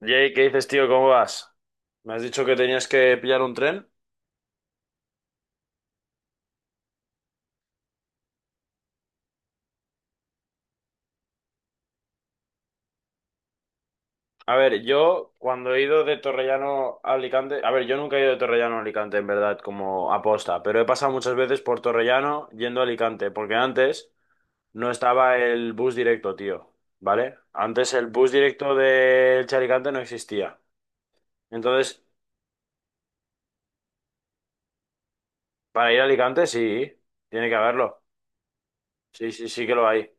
Jay, ¿qué dices, tío? ¿Cómo vas? Me has dicho que tenías que pillar un tren. A ver, yo cuando he ido de Torrellano a Alicante, a ver, yo nunca he ido de Torrellano a Alicante, en verdad, como aposta, pero he pasado muchas veces por Torrellano yendo a Alicante, porque antes no estaba el bus directo, tío, ¿vale? Antes el bus directo de Elche a Alicante no existía. Entonces, para ir a Alicante, sí, tiene que haberlo. Sí, sí, sí que lo hay.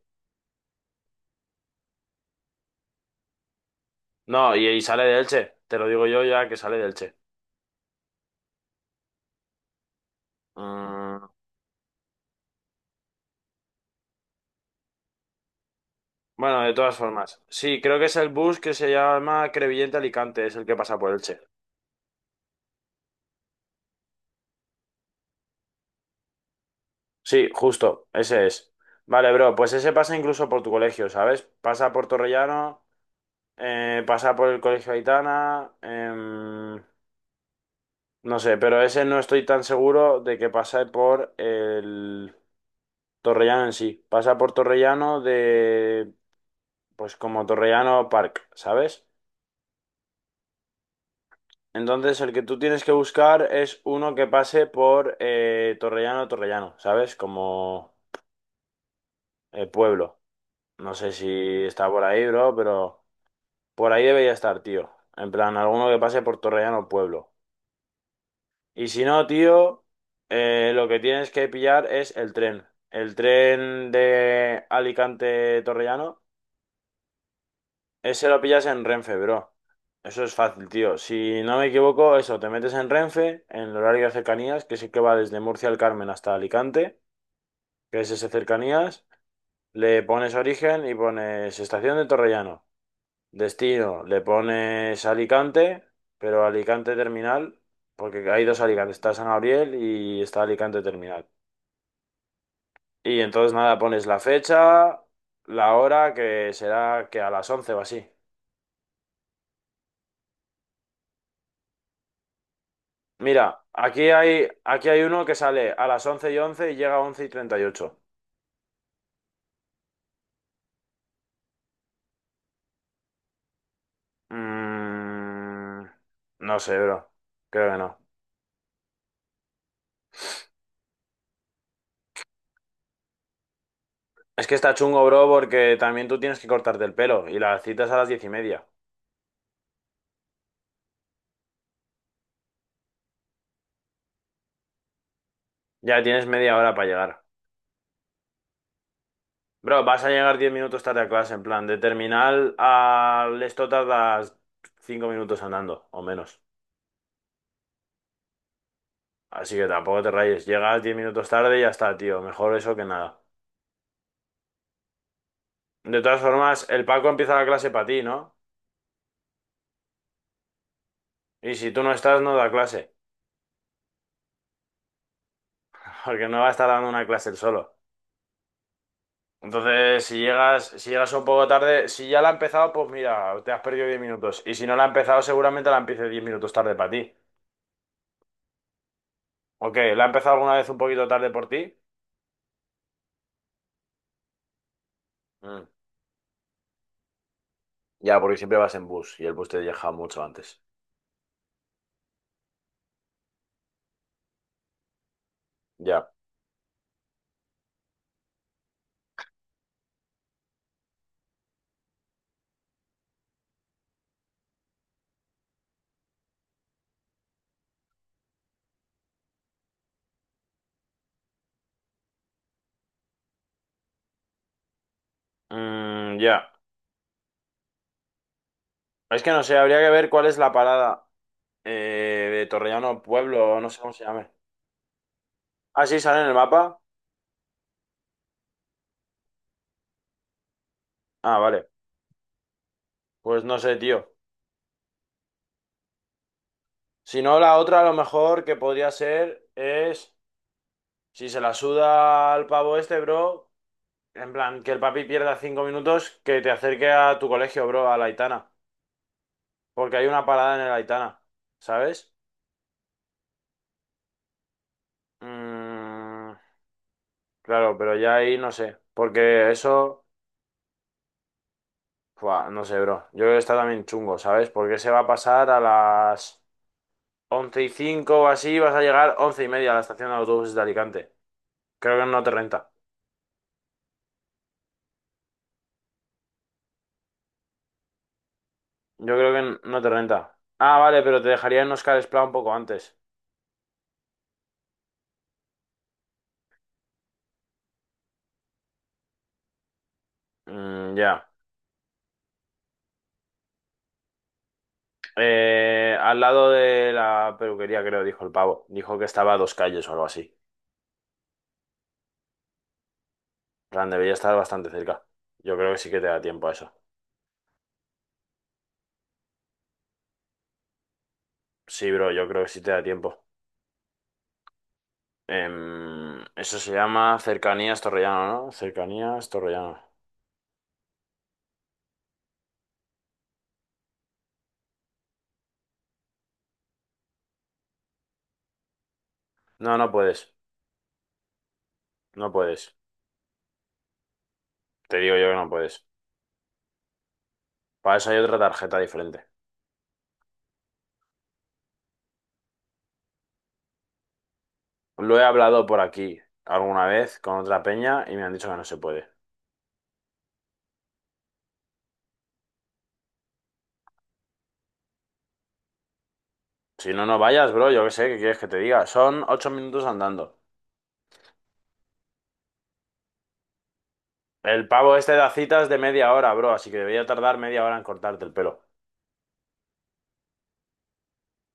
No, y sale de Elche, te lo digo yo ya que sale de Elche. Mm, Bueno, de todas formas. Sí, creo que es el bus que se llama Crevillente Alicante, es el que pasa por Elche. Sí, justo, ese es. Vale, bro, pues ese pasa incluso por tu colegio, ¿sabes? Pasa por Torrellano, pasa por el Colegio Aitana, no sé, pero ese no estoy tan seguro de que pase por el Torrellano en sí. Pasa por Torrellano de, pues como Torrellano Park, ¿sabes? Entonces, el que tú tienes que buscar es uno que pase por Torrellano, Torrellano, ¿sabes? Como pueblo. No sé si está por ahí, bro, pero por ahí debería estar, tío. En plan, alguno que pase por Torrellano, pueblo. Y si no, tío, lo que tienes que pillar es el tren. El tren de Alicante-Torrellano. Ese lo pillas en Renfe, bro. Eso es fácil, tío. Si no me equivoco, eso, te metes en Renfe, en el horario de cercanías, que sí que va desde Murcia al Carmen hasta Alicante, que es ese cercanías, le pones origen y pones estación de Torrellano. Destino, le pones Alicante, pero Alicante Terminal, porque hay dos Alicantes, está San Gabriel y está Alicante Terminal. Y entonces nada, pones la fecha, la hora, que será que a las 11 o así. Mira, aquí hay uno que sale a las 11 y 11 y llega a 11 y 38. Mm, no sé, bro. Creo que no. Es que está chungo, bro, porque también tú tienes que cortarte el pelo y la cita es a las 10:30. Ya tienes media hora para llegar. Bro, vas a llegar 10 minutos tarde a clase, en plan, de terminal al esto tardas 5 minutos andando, o menos. Así que tampoco te rayes. Llegas 10 minutos tarde y ya está, tío. Mejor eso que nada. De todas formas, el Paco empieza la clase para ti, ¿no? Y si tú no estás, no da clase, porque no va a estar dando una clase él solo. Entonces, si llegas un poco tarde, si ya la ha empezado, pues mira, te has perdido 10 minutos. Y si no la ha empezado, seguramente la empiece 10 minutos tarde para ti. Ok, ¿la ha empezado alguna vez un poquito tarde por ti? Mm, ya, porque siempre vas en bus y el bus te deja mucho antes. Ya. Mm, ya. Es que no sé, habría que ver cuál es la parada de Torrellano Pueblo, o no sé cómo se llame. Ah, sí, sale en el mapa. Ah, vale. Pues no sé, tío. Si no, la otra a lo mejor que podría ser es, si se la suda al pavo este, bro, en plan, que el papi pierda 5 minutos, que te acerque a tu colegio, bro, a la Aitana. Porque hay una parada en el Aitana, ¿sabes? Mm, claro, pero ya ahí no sé. Porque eso, fua, no sé, bro. Yo creo que está también chungo, ¿sabes? Porque se va a pasar a las once y cinco o así, vas a llegar once y media a la estación de autobuses de Alicante. Creo que no te renta. Yo creo que no te renta. Ah, vale, pero te dejaría en Oscar Esplá un poco antes. Mm, ya. Al lado de la peluquería, creo, dijo el pavo. Dijo que estaba a 2 calles o algo así. En plan, debería estar bastante cerca. Yo creo que sí que te da tiempo a eso. Sí, bro, yo creo que sí te da tiempo. Eso se llama Cercanías Torrellano, ¿no? Cercanías Torrellano. No, no puedes. No puedes. Te digo yo que no puedes. Para eso hay otra tarjeta diferente. Lo he hablado por aquí alguna vez con otra peña y me han dicho que no se puede. Si no, no vayas, bro, yo qué sé, ¿qué quieres que te diga? Son 8 minutos andando. El pavo este da citas de media hora, bro, así que debería tardar media hora en cortarte el pelo.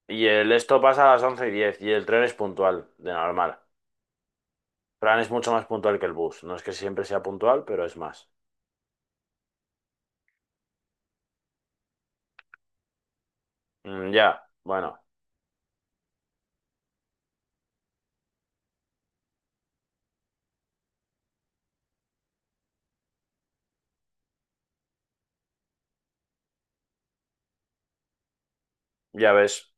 Y el esto pasa a las once y diez, y el tren es puntual, de normal. Fran es mucho más puntual que el bus. No es que siempre sea puntual, pero es más. Mm, ya, bueno, ya ves.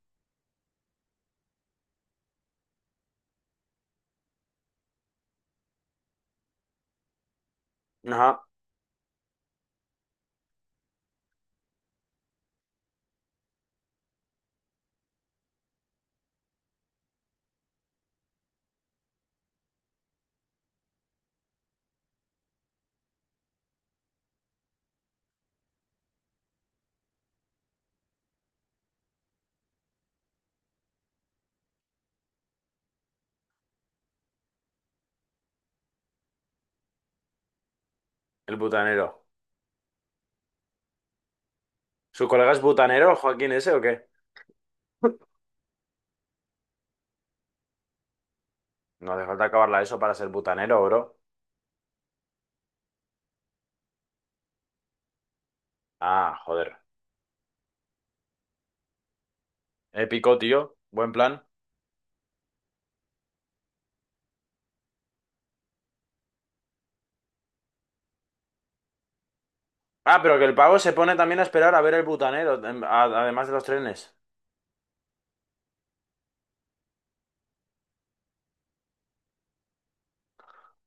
Ajá, el butanero. ¿Su colega es butanero, Joaquín ese o qué? No hace falta acabarla eso para ser butanero, bro. Ah, joder. Épico, tío. Buen plan. Ah, pero que el pavo se pone también a esperar a ver el butanero, además de los trenes.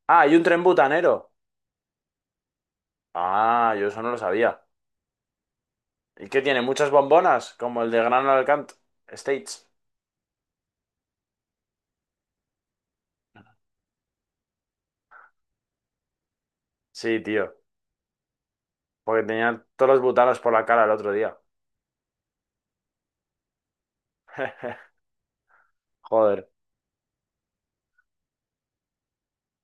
Ah, hay un tren butanero. Ah, yo eso no lo sabía. ¿Y qué tiene? ¿Muchas bombonas? Como el de Gran Alcant States. Sí, tío. Porque tenía todos los butanos por la cara el otro día. Joder.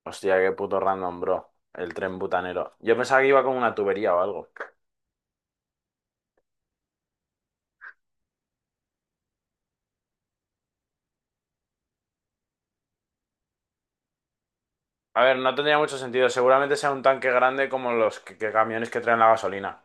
Hostia, qué puto random, bro. El tren butanero. Yo pensaba que iba con una tubería o algo. A ver, no tendría mucho sentido. Seguramente sea un tanque grande como los que camiones que traen la gasolina.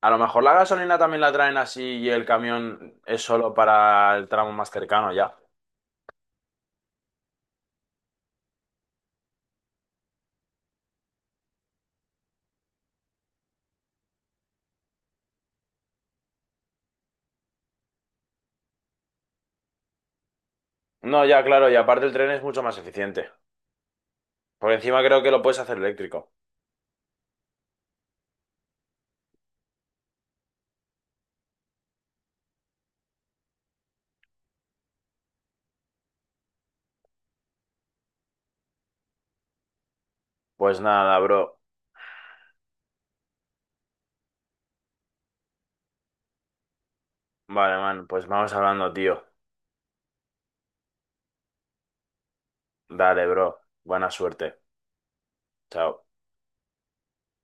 A lo mejor la gasolina también la traen así y el camión es solo para el tramo más cercano, ya. No, ya, claro, y aparte el tren es mucho más eficiente. Por encima creo que lo puedes hacer eléctrico. Pues nada, bro. Vale, man, pues vamos hablando, tío. Dale, bro. Buena suerte. Chao.